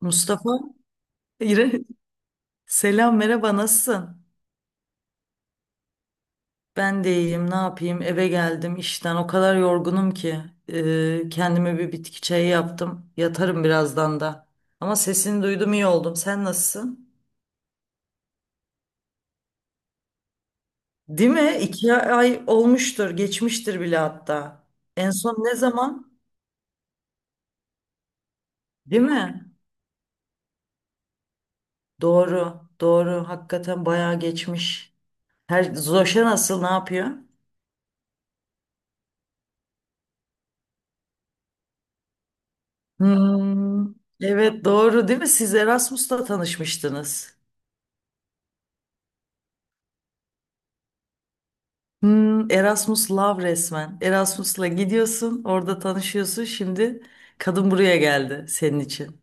Mustafa, İre- selam merhaba nasılsın? Ben de iyiyim, ne yapayım? Eve geldim işten, o kadar yorgunum ki. Kendime bir bitki çayı yaptım. Yatarım birazdan da. Ama sesini duydum iyi oldum. Sen nasılsın? Değil mi? İki ay olmuştur, geçmiştir bile hatta. En son ne zaman? Değil mi? Doğru, doğru. Hakikaten bayağı geçmiş. Her Zoşa nasıl, ne yapıyor? Hmm, evet doğru değil mi? Siz Erasmus'ta tanışmıştınız. Erasmus Love resmen. Erasmus'la gidiyorsun, orada tanışıyorsun. Şimdi kadın buraya geldi senin için.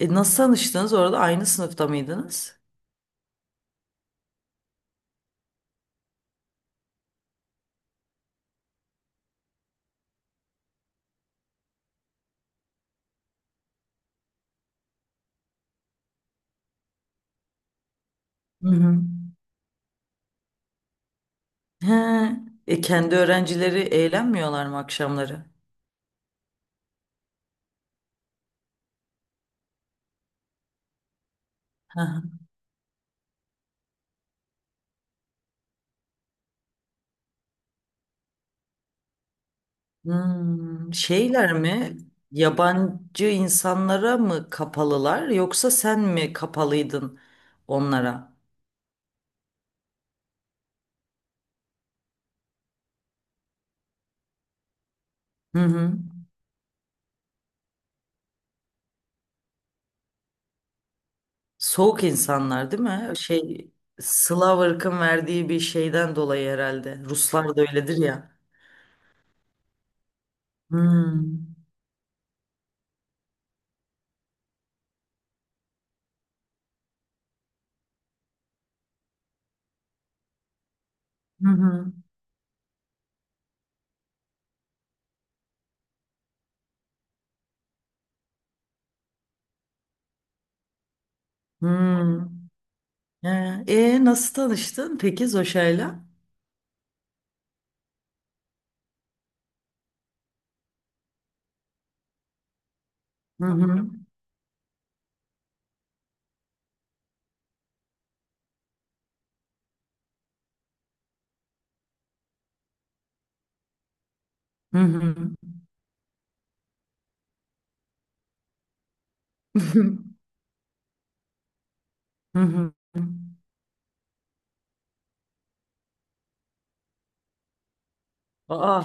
E nasıl tanıştınız? Orada aynı sınıfta mıydınız? Hı hı. He, e kendi öğrencileri eğlenmiyorlar mı akşamları? Hı hı. Şeyler mi? Yabancı insanlara mı kapalılar yoksa sen mi kapalıydın onlara? Hı hı. Soğuk insanlar değil mi? Şey Slav ırkın verdiği bir şeyden dolayı herhalde. Ruslar da öyledir ya. Hmm. Hı hı. Hmm. Nasıl tanıştın peki Zoşa'yla? Hı hı. Hı hı. Hı hı. Aa,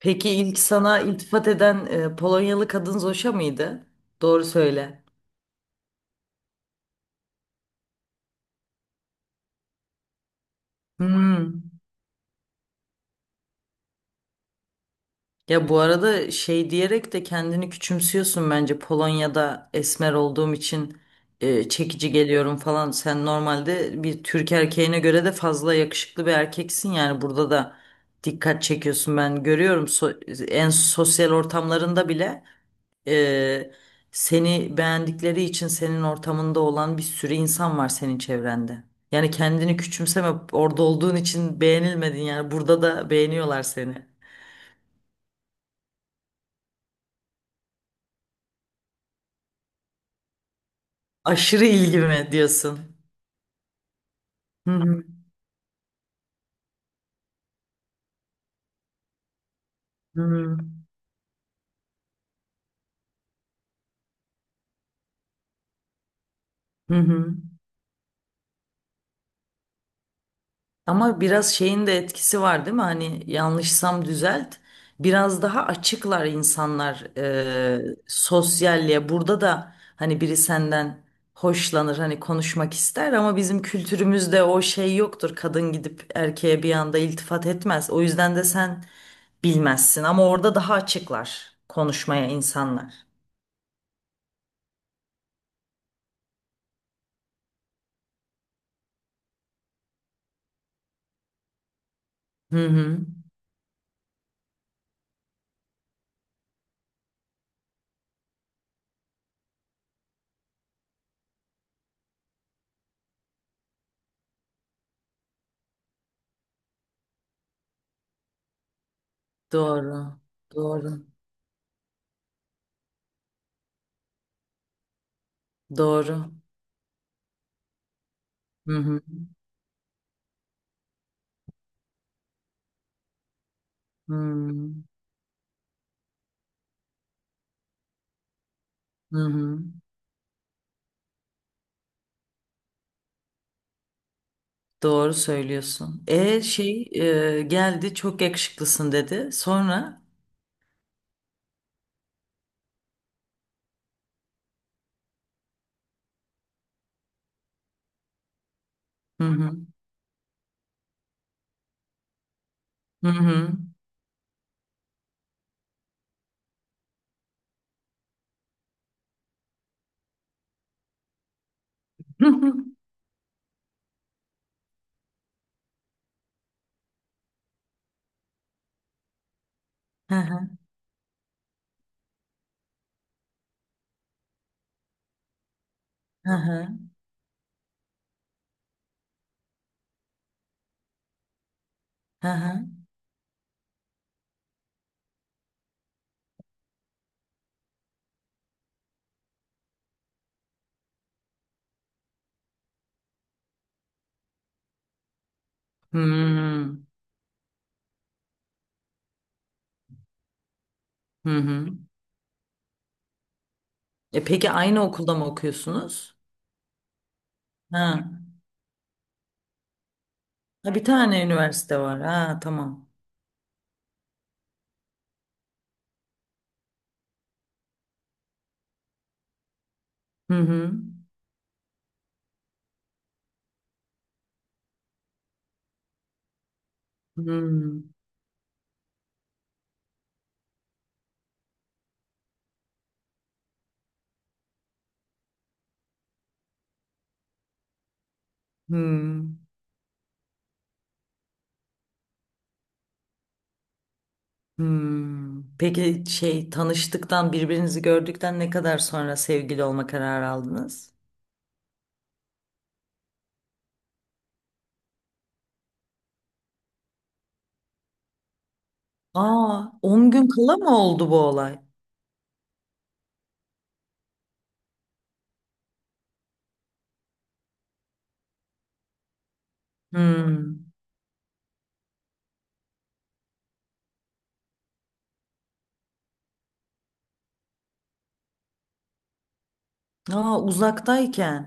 peki ilk sana iltifat eden Polonyalı kadın Zoşa mıydı? Doğru söyle. Hmm. Ya bu arada şey diyerek de kendini küçümsüyorsun bence Polonya'da esmer olduğum için çekici geliyorum falan. Sen normalde bir Türk erkeğine göre de fazla yakışıklı bir erkeksin, yani burada da dikkat çekiyorsun, ben görüyorum. En sosyal ortamlarında bile e, seni beğendikleri için senin ortamında olan bir sürü insan var senin çevrende. Yani kendini küçümseme, orada olduğun için beğenilmedin, yani burada da beğeniyorlar seni. Aşırı ilgi diyorsun? Hı hı, hı hı, hı hı. Ama biraz şeyin de etkisi var değil mi? Hani yanlışsam düzelt. Biraz daha açıklar insanlar sosyalliğe. Burada da hani biri senden hoşlanır, hani konuşmak ister ama bizim kültürümüzde o şey yoktur. Kadın gidip erkeğe bir anda iltifat etmez. O yüzden de sen bilmezsin ama orada daha açıklar konuşmaya insanlar. Hı hı. Doğru. Doğru. Doğru. Hı hı. Hı hı. Hı. Doğru söylüyorsun. Şey geldi çok yakışıklısın dedi. Sonra hı hı. Hı hı. Hı hı. Hı hı. Hı hı. Hmm. Hı hı. E peki aynı okulda mı okuyorsunuz? Ha. Ha bir tane üniversite var. Ha tamam. Hı hı. Hmm. Hmm. Hmm. Peki şey tanıştıktan birbirinizi gördükten ne kadar sonra sevgili olma kararı aldınız? Aa, 10 gün kala mı oldu bu olay? Hmm. Aa, uzaktayken.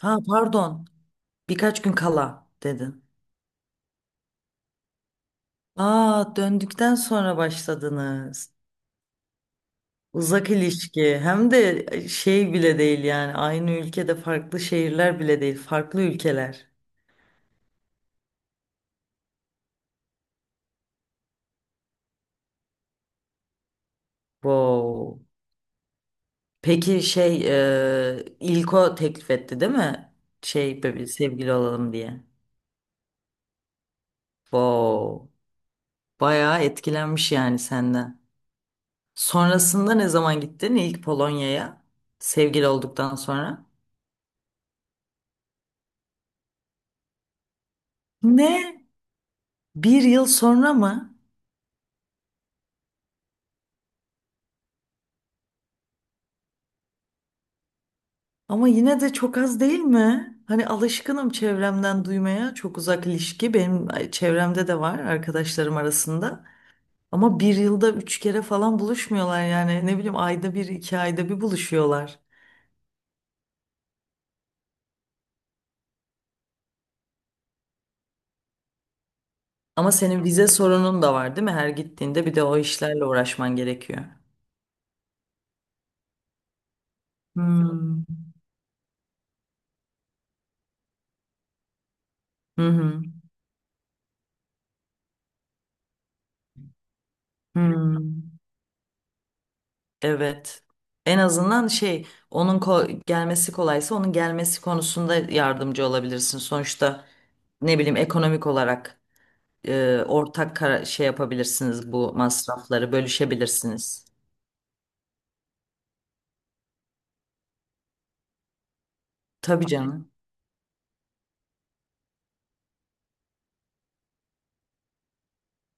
Ha pardon. Birkaç gün kala dedin. Aa, döndükten sonra başladınız. Uzak ilişki. Hem de şey bile değil yani. Aynı ülkede farklı şehirler bile değil. Farklı ülkeler. Wow. Peki şey İlko teklif etti değil mi? Şey böyle sevgili olalım diye. Wow. Bayağı etkilenmiş yani senden. Sonrasında ne zaman gittin ilk Polonya'ya? Sevgili olduktan sonra. Ne? Bir yıl sonra mı? Ama yine de çok az değil mi? Hani alışkınım çevremden duymaya. Çok uzak ilişki benim çevremde de var, arkadaşlarım arasında. Ama bir yılda 3 kere falan buluşmuyorlar yani. Ne bileyim ayda bir, 2 ayda bir buluşuyorlar. Ama senin vize sorunun da var değil mi? Her gittiğinde bir de o işlerle uğraşman gerekiyor. Hmm. Hı hı. Hmm. Evet. En azından şey onun gelmesi kolaysa onun gelmesi konusunda yardımcı olabilirsin. Sonuçta ne bileyim ekonomik olarak ortak şey yapabilirsiniz, bu masrafları bölüşebilirsiniz. Tabii canım.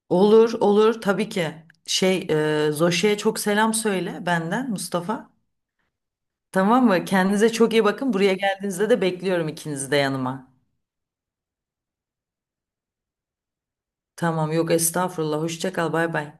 Olur olur tabii ki. Şey Zoşe'ye çok selam söyle benden Mustafa. Tamam mı? Kendinize çok iyi bakın. Buraya geldiğinizde de bekliyorum ikinizi de yanıma. Tamam, yok estağfurullah. Hoşça kal, bay bay.